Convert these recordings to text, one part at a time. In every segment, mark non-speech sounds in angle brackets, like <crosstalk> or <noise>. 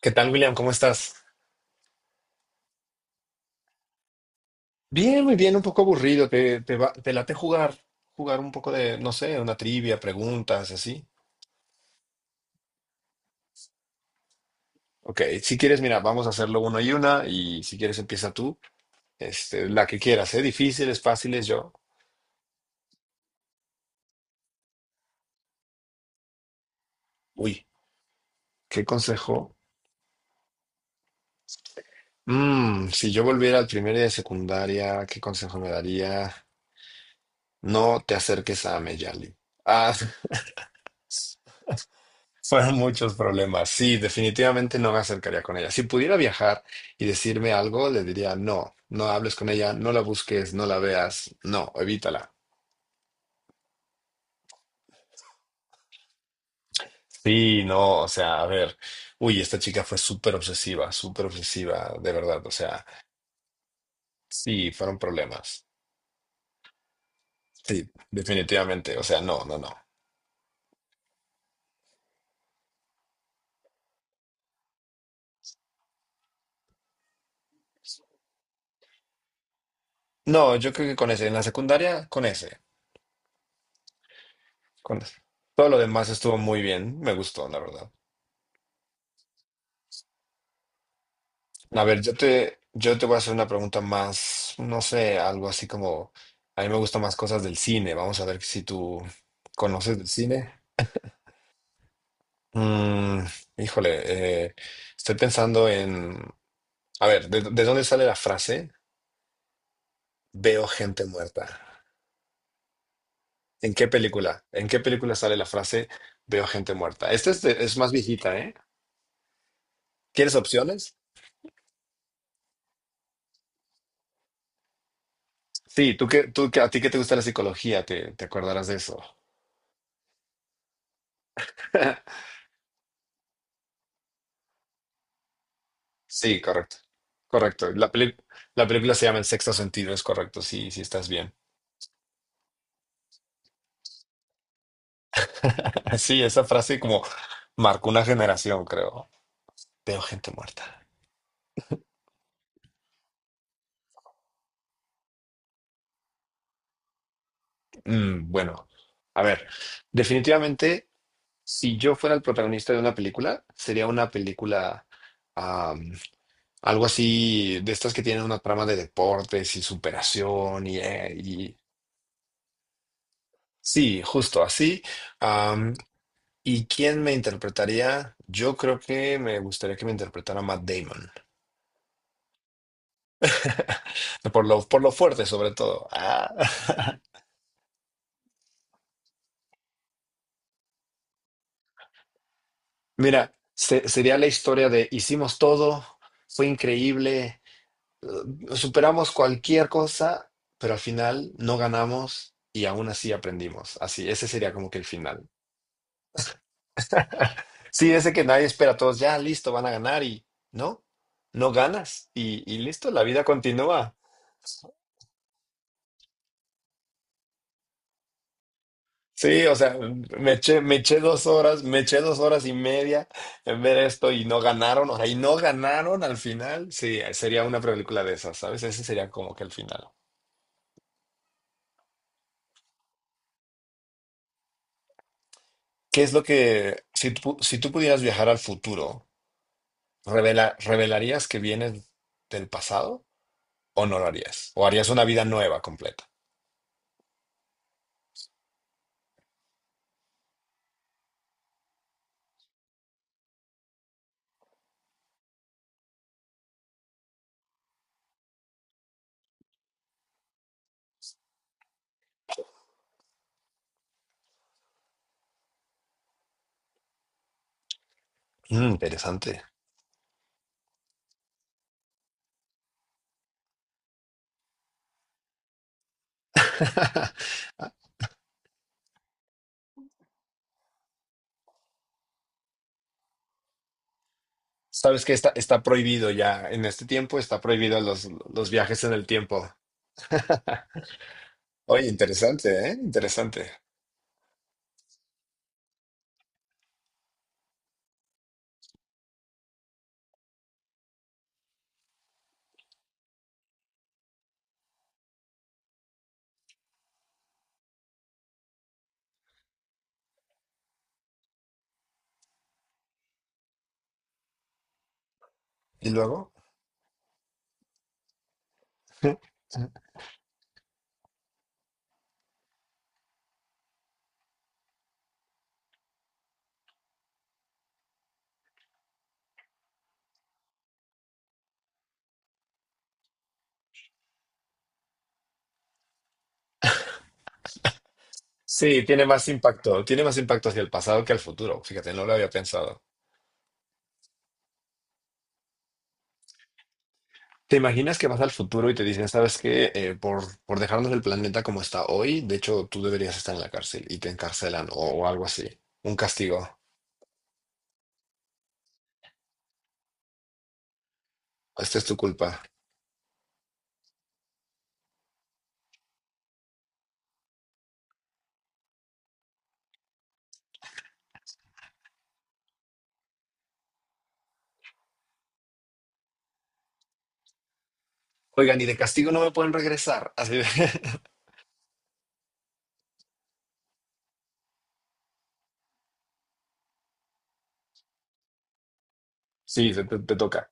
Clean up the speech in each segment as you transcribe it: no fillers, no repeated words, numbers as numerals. ¿Qué tal, William? ¿Cómo estás? Bien, muy bien, un poco aburrido. Te late jugar? Jugar un poco de, no sé, una trivia, preguntas, así. Ok, si quieres, mira, vamos a hacerlo uno y una, y si quieres empieza tú, la que quieras, ¿eh? Difíciles, fáciles, yo. Uy, ¿qué consejo? Mm, si yo volviera al primer día de secundaria, ¿qué consejo me daría? No te acerques a Meyali. Ah, <laughs> Fueron muchos problemas. Sí, definitivamente no me acercaría con ella. Si pudiera viajar y decirme algo, le diría, no, no hables con ella, no la busques, no la veas, no, evítala. Sí, no, o sea, a ver, uy, esta chica fue súper obsesiva, de verdad, o sea, sí, fueron problemas. Sí, definitivamente, o sea, no, no, no. No, yo creo que con ese, en la secundaria, con ese, con ese. Todo lo demás estuvo muy bien, me gustó, la verdad. A ver, yo te voy a hacer una pregunta más, no sé, algo así como, a mí me gustan más cosas del cine. Vamos a ver si tú conoces del cine. Mm, híjole, estoy pensando en, a ver, de dónde sale la frase veo gente muerta? ¿En qué película? ¿En qué película sale la frase veo gente muerta? Es más viejita, ¿eh? ¿Quieres opciones? Sí, a ti que te gusta la psicología, te acordarás de eso. <laughs> Sí, correcto. Correcto. La película se llama El Sexto Sentido, es correcto. Sí, sí estás bien. <laughs> Sí, esa frase como marcó una generación, creo. Veo gente muerta. Mm, bueno, a ver, definitivamente, si yo fuera el protagonista de una película, sería una película am, algo así de estas que tienen una trama de deportes y superación y sí, justo así. ¿Y quién me interpretaría? Yo creo que me gustaría que me interpretara Matt Damon. Por lo fuerte, sobre todo. Ah. <laughs> Mira, sería la historia de hicimos todo, fue increíble, superamos cualquier cosa, pero al final no ganamos y aún así aprendimos. Así, ese sería como que el final. Sí, ese que nadie espera, todos ya listo, van a ganar y no, no ganas y listo, la vida continúa. Sí, o sea, me eché dos horas, me eché dos horas y media en ver esto y no ganaron, o sea, y no ganaron al final. Sí, sería una película de esas, ¿sabes? Ese sería como que el final. ¿Qué es lo que, si tú pudieras viajar al futuro, revelarías que vienes del pasado o no lo harías? ¿O harías una vida nueva completa? Mm, interesante. <laughs> Sabes que está prohibido ya en este tiempo, está prohibido los viajes en el tiempo. Oye, interesante, ¿eh? Interesante. ¿Y luego? Sí, tiene más impacto hacia el pasado que al futuro. Fíjate, no lo había pensado. ¿Te imaginas que vas al futuro y te dicen, sabes qué, por por dejarnos el planeta como está hoy, de hecho tú deberías estar en la cárcel y te encarcelan o algo así? Un castigo. Esta es tu culpa. Oigan, y de castigo no me pueden regresar. <laughs> Sí, te, te toca.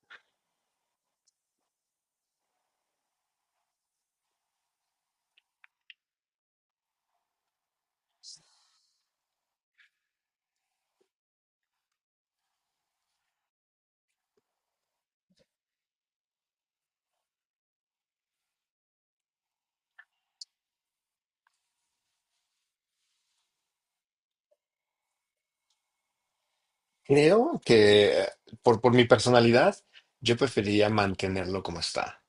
Creo que por mi personalidad, yo preferiría mantenerlo como está.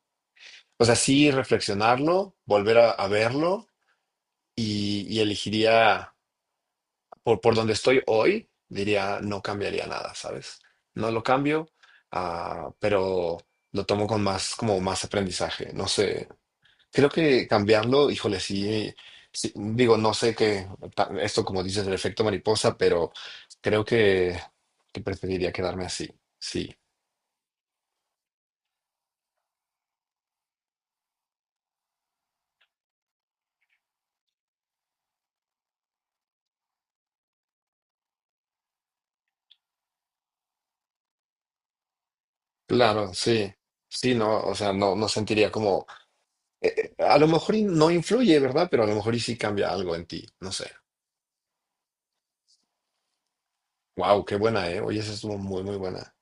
O sea, sí reflexionarlo, volver a verlo y elegiría. Por donde estoy hoy, diría, no cambiaría nada, ¿sabes? No lo cambio, ah, pero lo tomo con más, como más aprendizaje. No sé, creo que cambiarlo, híjole, sí, sí, digo, no sé qué, esto como dices, el efecto mariposa, pero creo que preferiría quedarme así, sí. Claro, sí. Sí, no, o sea, no, no sentiría como, a lo mejor y no influye, ¿verdad? Pero a lo mejor y sí cambia algo en ti, no sé. Wow, qué buena, ¿eh? Oye, esa estuvo muy, muy buena.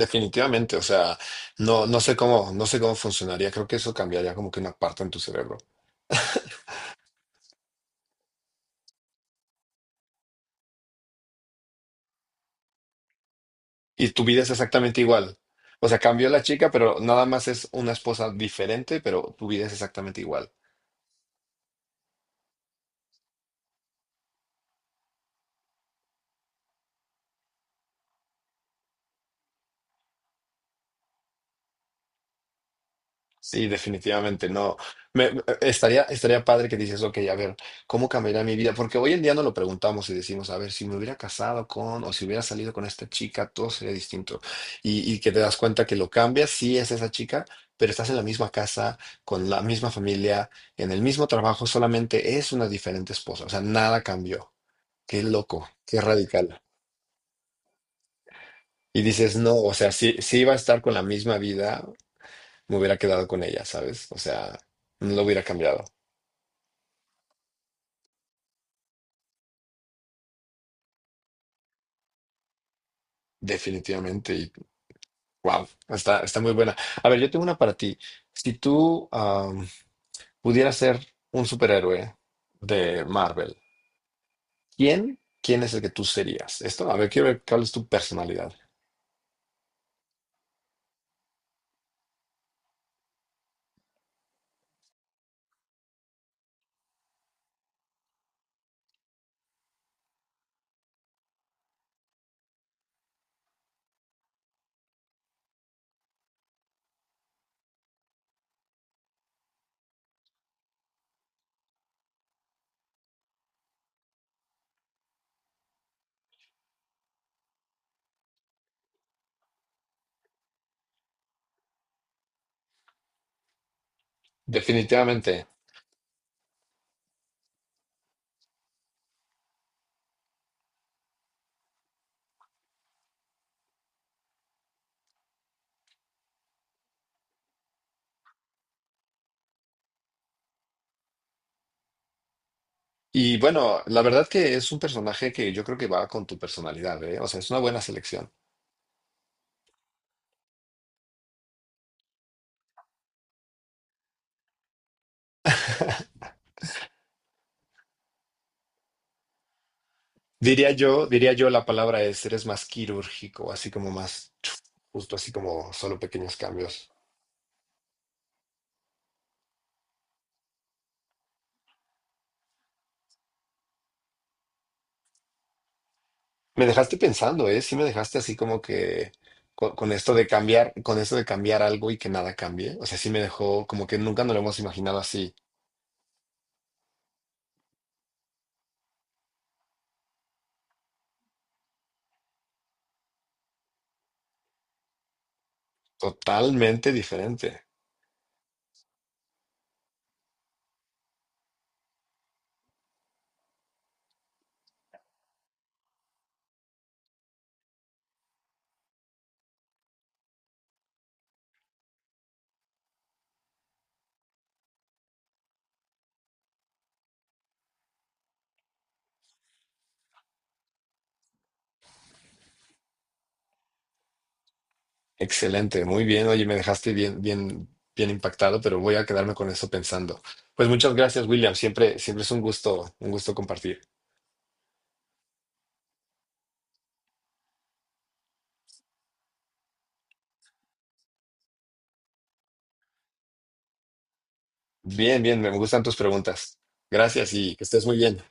Definitivamente, o sea, no, no sé cómo, no sé cómo funcionaría. Creo que eso cambiaría como que una parte en tu cerebro. Y tu vida es exactamente igual. O sea, cambió la chica, pero nada más es una esposa diferente, pero tu vida es exactamente igual. Sí, definitivamente no. Me, estaría, estaría padre que dices, ok, a ver, ¿cómo cambiaría mi vida? Porque hoy en día no lo preguntamos y decimos, a ver, si me hubiera casado con o si hubiera salido con esta chica, todo sería distinto. Y que te das cuenta que lo cambias, sí es esa chica, pero estás en la misma casa, con la misma familia, en el mismo trabajo, solamente es una diferente esposa. O sea, nada cambió. Qué loco, qué radical. Y dices, no, o sea, si iba a estar con la misma vida, me hubiera quedado con ella, ¿sabes? O sea, no lo hubiera cambiado. Definitivamente, y wow, está, está muy buena. A ver, yo tengo una para ti. Si tú am, pudieras ser un superhéroe de Marvel, ¿quién, quién es el que tú serías? Esto, a ver, quiero ver cuál es tu personalidad. Definitivamente. Y bueno, la verdad que es un personaje que yo creo que va con tu personalidad, ¿eh? O sea, es una buena selección. Diría yo la palabra es, eres más quirúrgico, así como más, chuf, justo así como solo pequeños cambios. Me dejaste pensando, ¿eh? Sí me dejaste así como que con esto de cambiar, con esto de cambiar algo y que nada cambie. O sea, sí me dejó como que nunca nos lo hemos imaginado así. Totalmente diferente. Excelente, muy bien. Oye, me dejaste bien, bien, bien impactado, pero voy a quedarme con eso pensando. Pues muchas gracias, William. Siempre, siempre es un gusto compartir. Bien, bien, me gustan tus preguntas. Gracias y que estés muy bien.